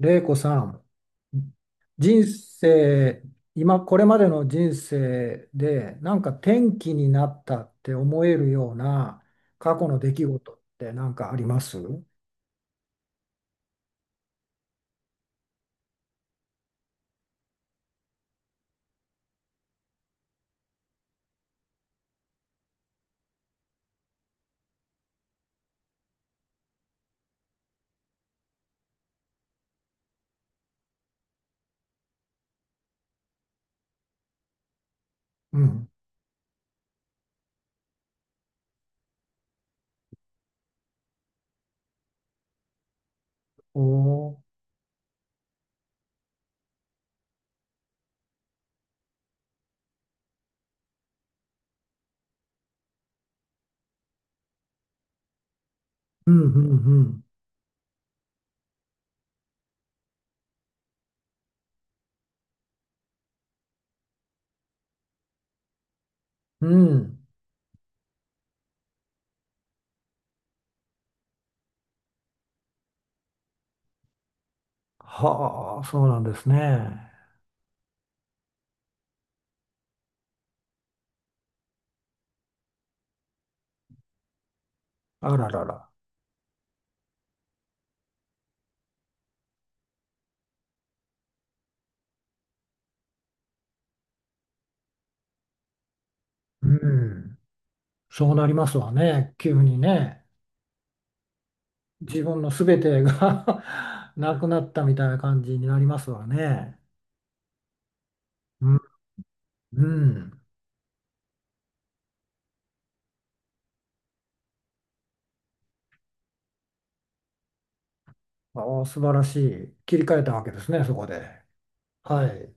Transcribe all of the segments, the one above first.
玲子さん、人生、今、これまでの人生で、なんか転機になったって思えるような過去の出来事って何かありますうん。おーうんうんうん。うん。はあ、そうなんですね。あららら。うん。そうなりますわね、急にね。自分の全てが なくなったみたいな感じになりますわね。うん。うんああ、素晴らしい。切り替えたわけですね、そこで。はい。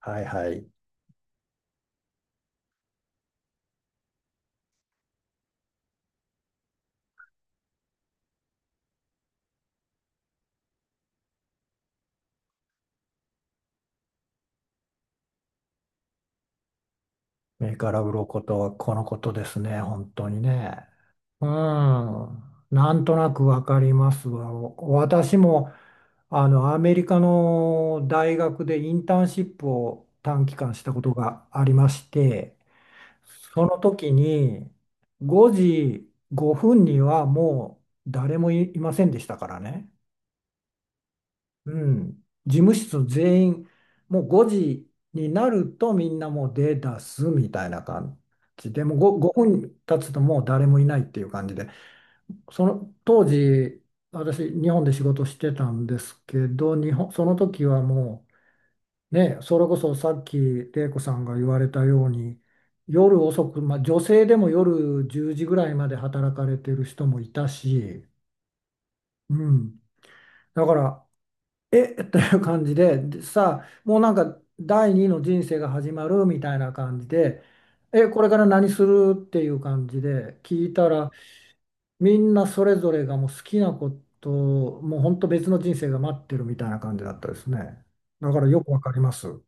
はいはい。目から鱗とはこのことですね、本当にね。うん。なんとなくわかりますわ。私も、アメリカの大学でインターンシップを短期間したことがありまして、その時に5時5分にはもう誰もいいませんでしたからね。うん、事務室全員もう5時になるとみんなもう出だすみたいな感じでもう 5, 分経つともう誰もいないっていう感じでその当時私日本で仕事してたんですけど日本その時はもうね、それこそさっき玲子さんが言われたように夜遅く、まあ、女性でも夜10時ぐらいまで働かれてる人もいたし、うん、だからえ という感じで、でさあ、もうなんか第二の人生が始まるみたいな感じで、え、これから何するっていう感じで聞いたら、みんなそれぞれがもう好きなこと、もう本当別の人生が待ってるみたいな感じだったですね。だからよくわかります。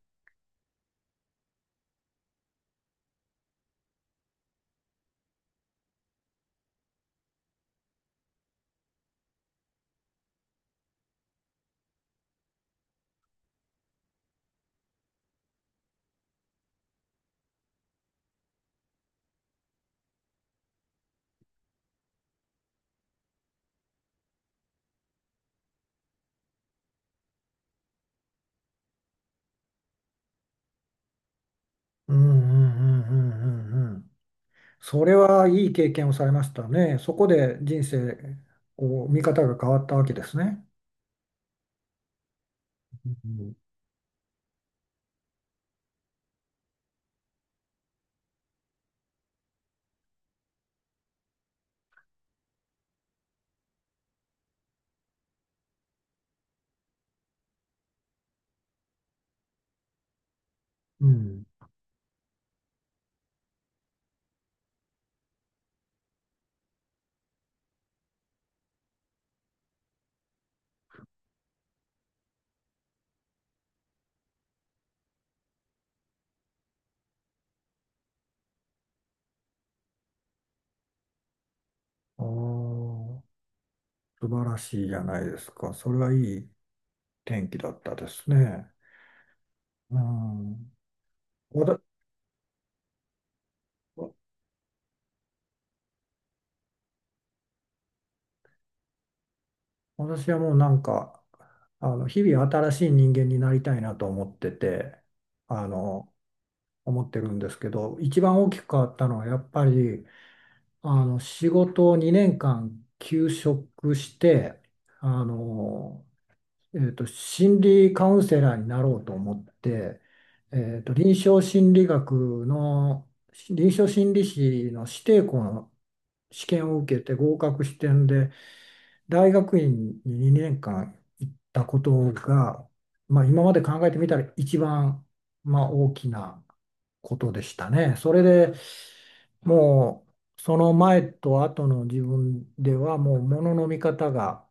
うんうんうんうんうんうん。それはいい経験をされましたね。そこで人生、こう、見方が変わったわけですね。うん。うん。ああ。素晴らしいじゃないですか。それはいい天気だったですね。うん。わた私はもうなんか、日々新しい人間になりたいなと思ってて、あの、思ってるんですけど、一番大きく変わったのはやっぱり、仕事を2年間休職して、あの、心理カウンセラーになろうと思って、臨床心理学の臨床心理士の指定校の試験を受けて合格してんで大学院に2年間行ったことが、まあ、今まで考えてみたら一番、まあ、大きなことでしたね。それでもうその前と後の自分ではもうものの見方が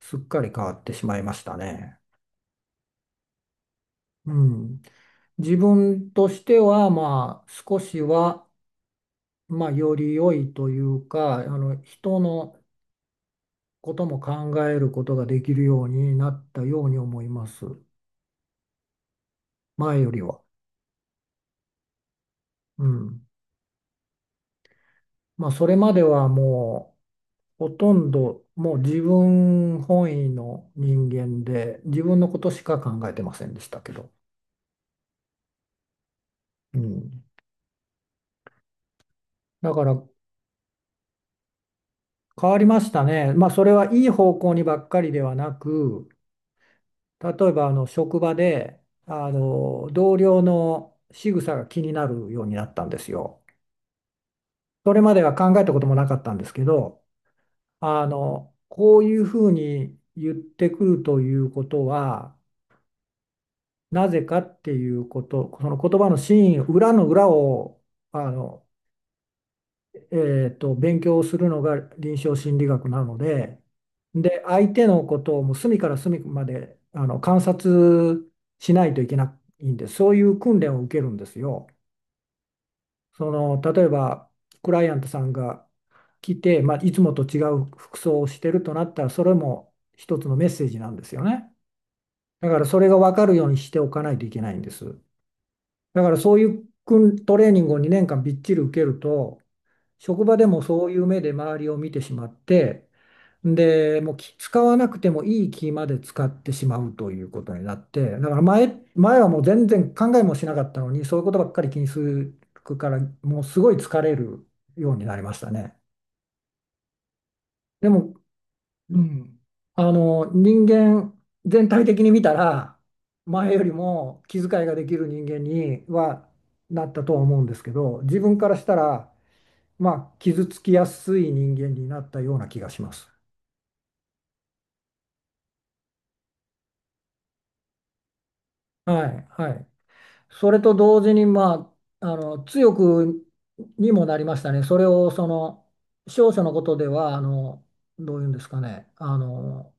すっかり変わってしまいましたね。うん、自分としては、まあ、少しは、まあ、より良いというか、人のことも考えることができるようになったように思います。前よりは。うん。まあ、それまではもう、ほとんど、もう自分本位の人間で、自分のことしか考えてませんでしたけど。うん。だから、変わりましたね。まあ、それはいい方向にばっかりではなく、例えば職場で同僚の仕草が気になるようになったんですよ。それまでは考えたこともなかったんですけど、こういうふうに言ってくるということはなぜかっていうこと、その言葉の真意、裏の裏をあの勉強をするのが臨床心理学なので、で、相手のことをもう隅から隅まで観察しないといけないんです、そういう訓練を受けるんですよ。その例えばクライアントさんが来て、まあ、いつもと違う服装をしてるとなったら、それも一つのメッセージなんですよね。だからそれが分かるようにしておかないといけないんです。だからそういう訓トレーニングを2年間びっちり受けると、職場でもそういう目で周りを見てしまって、で、もうき使わなくてもいい気まで使ってしまうということになって、だから前はもう全然考えもしなかったのに、そういうことばっかり気にするから、もうすごい疲れるようになりましたね。でも、うん、人間全体的に見たら、前よりも気遣いができる人間にはなったとは思うんですけど、自分からしたら、まあ、傷つきやすい人間になったような気がします。はい、はい。それと同時に、まあ、強くにもなりましたね。それを、その、少々のことでは、どういうんですかね、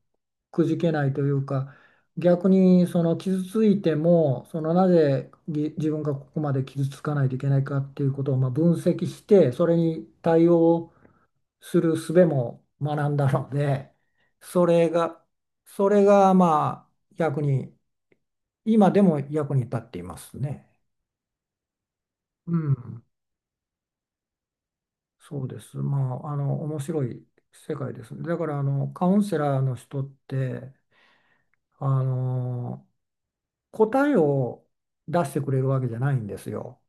くじけないというか、逆に、その、傷ついても、その、なぜぎ自分がここまで傷つかないといけないかっていうことを、まあ、分析して、それに対応する術も学んだので、それが、まあ役に、今でも役に立っていますね。うん、そうです。まあ、面白い世界ですね。だから、カウンセラーの人って、あの、答えを出してくれるわけじゃないんですよ。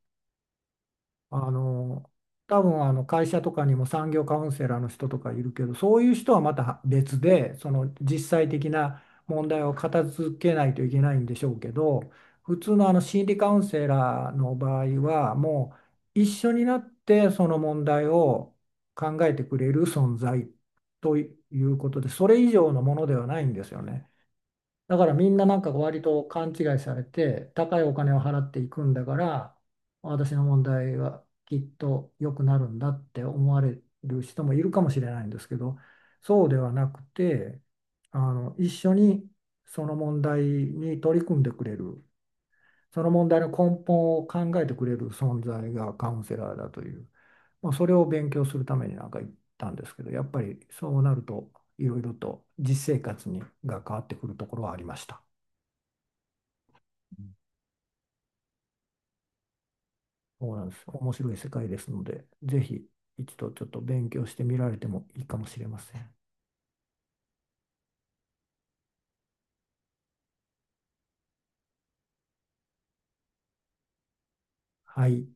あの多分会社とかにも産業カウンセラーの人とかいるけどそういう人はまた別でその実際的な問題を片付けないといけないんでしょうけど普通の心理カウンセラーの場合はもう一緒になってその問題を考えてくれる存在ということでそれ以上のものではないんですよね。だからみんななんか割と勘違いされて、高いお金を払っていくんだから、私の問題はきっと良くなるんだって思われる人もいるかもしれないんですけど、そうではなくて、一緒にその問題に取り組んでくれる、その問題の根本を考えてくれる存在がカウンセラーだという、まあ、それを勉強するためになんか行ったんですけど、やっぱりそうなると、いろいろと実生活にが変わってくるところはありました。そうなんです。面白い世界ですので、ぜひ一度ちょっと勉強してみられてもいいかもしれません。はい。